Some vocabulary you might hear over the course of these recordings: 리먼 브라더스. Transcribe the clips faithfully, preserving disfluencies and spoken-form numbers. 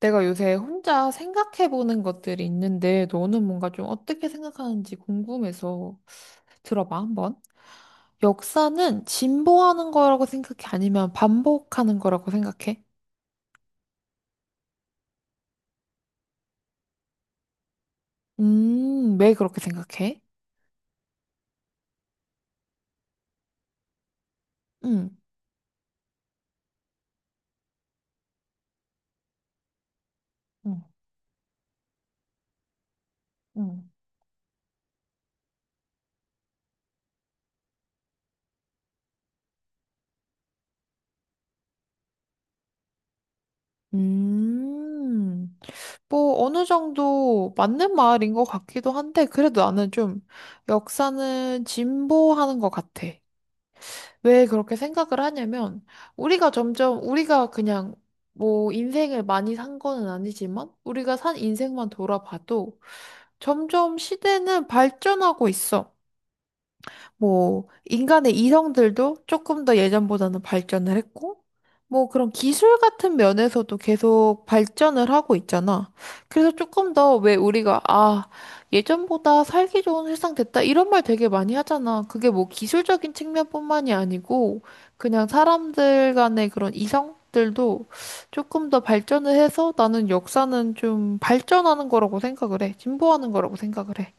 내가 요새 혼자 생각해보는 것들이 있는데, 너는 뭔가 좀 어떻게 생각하는지 궁금해서 들어봐, 한번. 역사는 진보하는 거라고 생각해? 아니면 반복하는 거라고 생각해? 음, 왜 그렇게 생각해? 음, 음, 음. 음, 뭐, 어느 정도 맞는 말인 것 같기도 한데, 그래도 나는 좀 역사는 진보하는 것 같아. 왜 그렇게 생각을 하냐면, 우리가 점점, 우리가 그냥, 뭐, 인생을 많이 산 거는 아니지만, 우리가 산 인생만 돌아봐도, 점점 시대는 발전하고 있어. 뭐, 인간의 이성들도 조금 더 예전보다는 발전을 했고, 뭐 그런 기술 같은 면에서도 계속 발전을 하고 있잖아. 그래서 조금 더 왜 우리가, 아, 예전보다 살기 좋은 세상 됐다. 이런 말 되게 많이 하잖아. 그게 뭐 기술적인 측면뿐만이 아니고, 그냥 사람들 간의 그런 이성들도 조금 더 발전을 해서 나는 역사는 좀 발전하는 거라고 생각을 해. 진보하는 거라고 생각을 해.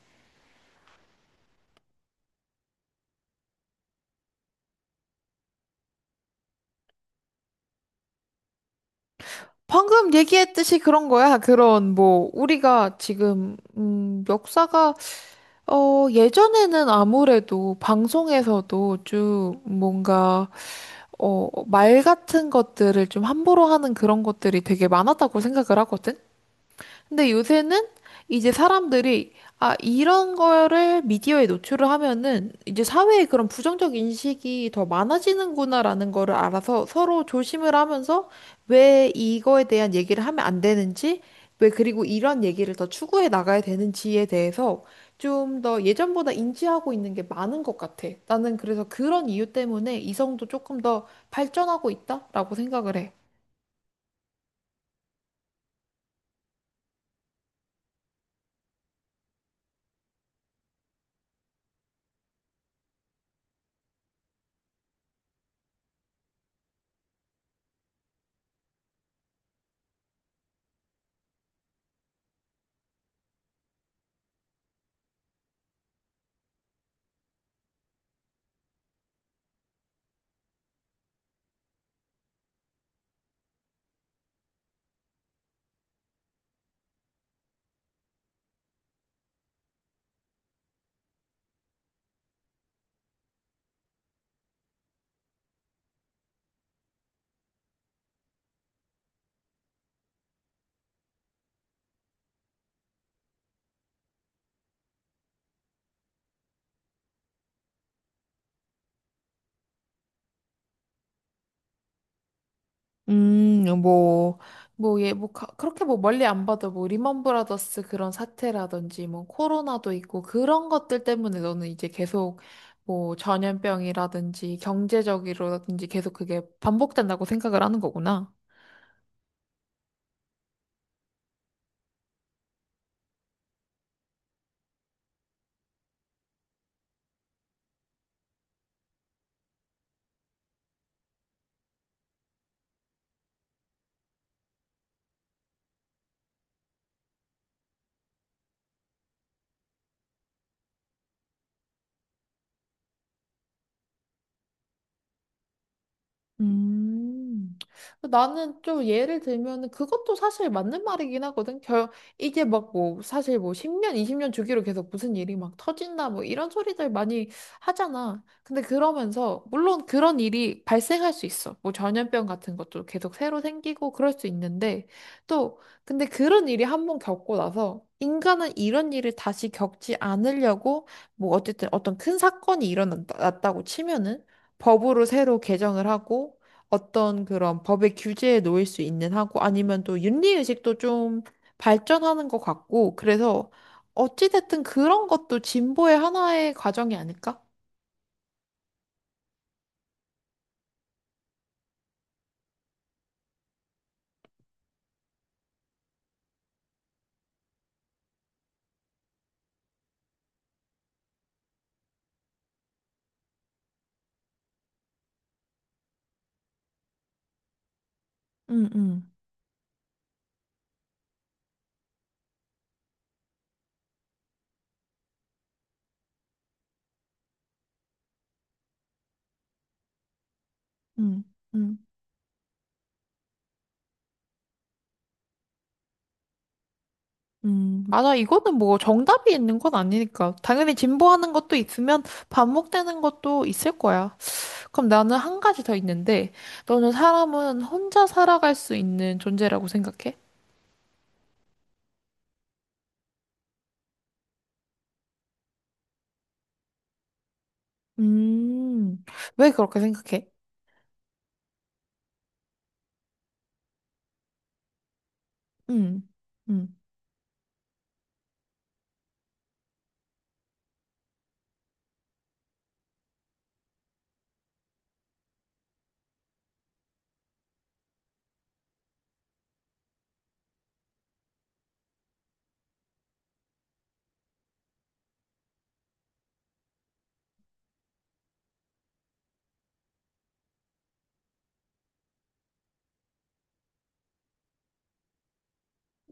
방금 얘기했듯이 그런 거야. 그런 뭐 우리가 지금 음 역사가 어 예전에는 아무래도 방송에서도 쭉 뭔가 어 말 같은 것들을 좀 함부로 하는 그런 것들이 되게 많았다고 생각을 하거든. 근데 요새는 이제 사람들이 아, 이런 거를 미디어에 노출을 하면은 이제 사회에 그런 부정적 인식이 더 많아지는구나라는 거를 알아서 서로 조심을 하면서 왜 이거에 대한 얘기를 하면 안 되는지, 왜 그리고 이런 얘기를 더 추구해 나가야 되는지에 대해서 좀 더 예전보다 인지하고 있는 게 많은 것 같아. 나는 그래서 그런 이유 때문에 이성도 조금 더 발전하고 있다라고 생각을 해. 음, 어, 뭐, 뭐, 예, 뭐, 가- 그렇게 뭐 멀리 안 봐도 뭐, 리먼 브라더스 그런 사태라든지 뭐, 코로나도 있고, 그런 것들 때문에 너는 이제 계속 뭐, 전염병이라든지 경제적이라든지 계속 그게 반복된다고 생각을 하는 거구나. 음, 나는 좀 예를 들면은 그것도 사실 맞는 말이긴 하거든. 결, 이게 막 뭐 사실 뭐 십 년, 이십 년 주기로 계속 무슨 일이 막 터진다 뭐 이런 소리들 많이 하잖아. 근데 그러면서 물론 그런 일이 발생할 수 있어. 뭐 전염병 같은 것도 계속 새로 생기고 그럴 수 있는데 또 근데 그런 일이 한번 겪고 나서 인간은 이런 일을 다시 겪지 않으려고 뭐 어쨌든 어떤 큰 사건이 일어났다고 치면은 법으로 새로 개정을 하고 어떤 그런 법의 규제에 놓일 수 있는 하고 아니면 또 윤리의식도 좀 발전하는 것 같고 그래서 어찌됐든 그런 것도 진보의 하나의 과정이 아닐까? 음, 음, 음, 음, 음. 맞아. 이거는 뭐 정답이 있는 건 아니니까. 당연히 진보하는 것도 있으면 반복되는 것도 있을 거야. 그럼 나는 한 가지 더 있는데, 너는 사람은 혼자 살아갈 수 있는 존재라고 생각해? 음, 왜 그렇게 생각해? 음, 음,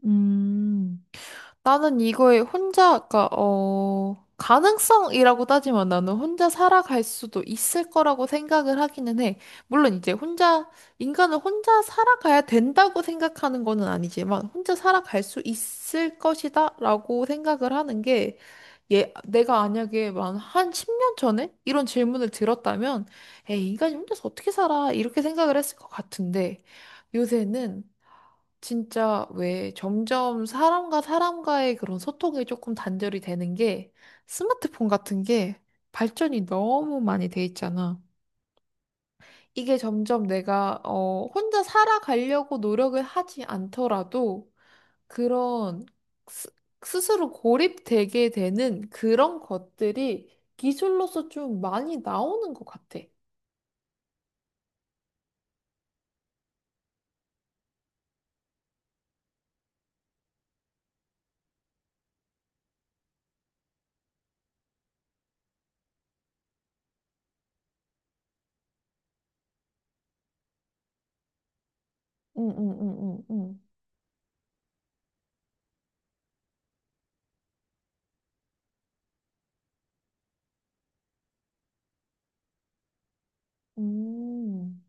음. 나는 이거에 혼자, 그니까, 어, 가능성이라고 따지면 나는 혼자 살아갈 수도 있을 거라고 생각을 하기는 해. 물론 이제 혼자, 인간은 혼자 살아가야 된다고 생각하는 거는 아니지만, 혼자 살아갈 수 있을 것이다 라고 생각을 하는 게, 예, 내가 만약에 만 한 십 년 전에 이런 질문을 들었다면, 에이, 인간이 혼자서 어떻게 살아? 이렇게 생각을 했을 것 같은데, 요새는 진짜 왜 점점 사람과 사람과의 그런 소통이 조금 단절이 되는 게 스마트폰 같은 게 발전이 너무 많이 돼 있잖아. 이게 점점 내가 어, 혼자 살아가려고 노력을 하지 않더라도 그런 스, 스스로 고립되게 되는 그런 것들이 기술로서 좀 많이 나오는 것 같아. 응응응응 응. 음.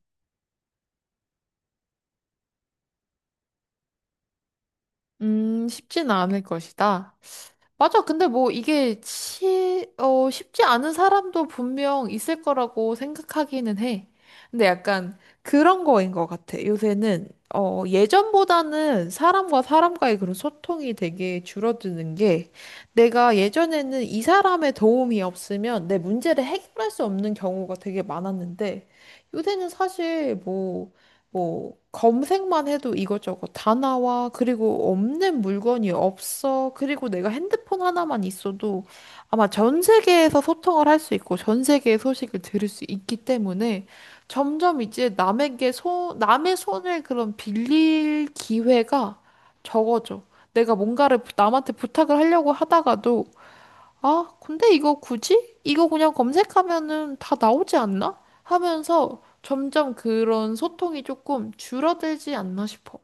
음, 쉽지는 않을 것이다. 맞아. 근데 뭐 이게 치, 어, 쉽지 않은 사람도 분명 있을 거라고 생각하기는 해. 근데 약간 그런 거인 것 같아. 요새는, 어, 예전보다는 사람과 사람과의 그런 소통이 되게 줄어드는 게 내가 예전에는 이 사람의 도움이 없으면 내 문제를 해결할 수 없는 경우가 되게 많았는데 요새는 사실 뭐 뭐 검색만 해도 이것저것 다 나와. 그리고 없는 물건이 없어. 그리고 내가 핸드폰 하나만 있어도 아마 전 세계에서 소통을 할 수 있고 전 세계의 소식을 들을 수 있기 때문에 점점 이제 남에게 소 남의 손을 그런 빌릴 기회가 적어져. 내가 뭔가를 부- 남한테 부탁을 하려고 하다가도 아, 근데 이거 굳이? 이거 그냥 검색하면은 다 나오지 않나? 하면서 점점 그런 소통이 조금 줄어들지 않나 싶어.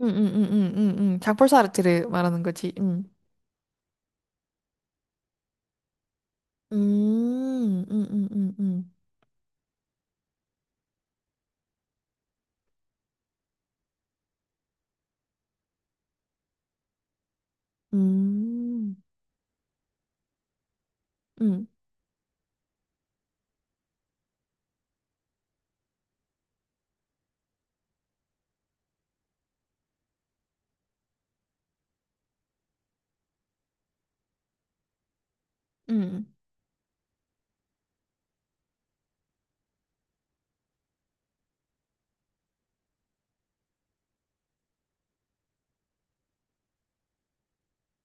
응응응응응응 장폴사 아르트를 말하는 거지. 응. 음, 음, 음, 음, 음, 음, 음. 응. 응.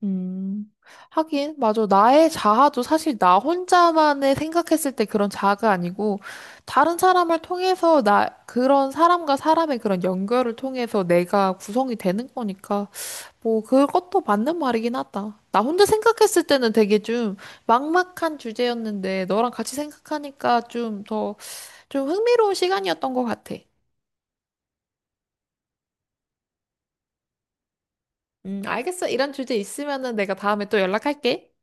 음, 하긴, 맞아. 나의 자아도 사실 나 혼자만의 생각했을 때 그런 자아가 아니고, 다른 사람을 통해서 나, 그런 사람과 사람의 그런 연결을 통해서 내가 구성이 되는 거니까, 뭐, 그것도 맞는 말이긴 하다. 나 혼자 생각했을 때는 되게 좀 막막한 주제였는데, 너랑 같이 생각하니까 좀 더, 좀 흥미로운 시간이었던 것 같아. 음, 알겠어. 이런 주제 있으면은 내가 다음에 또 연락할게.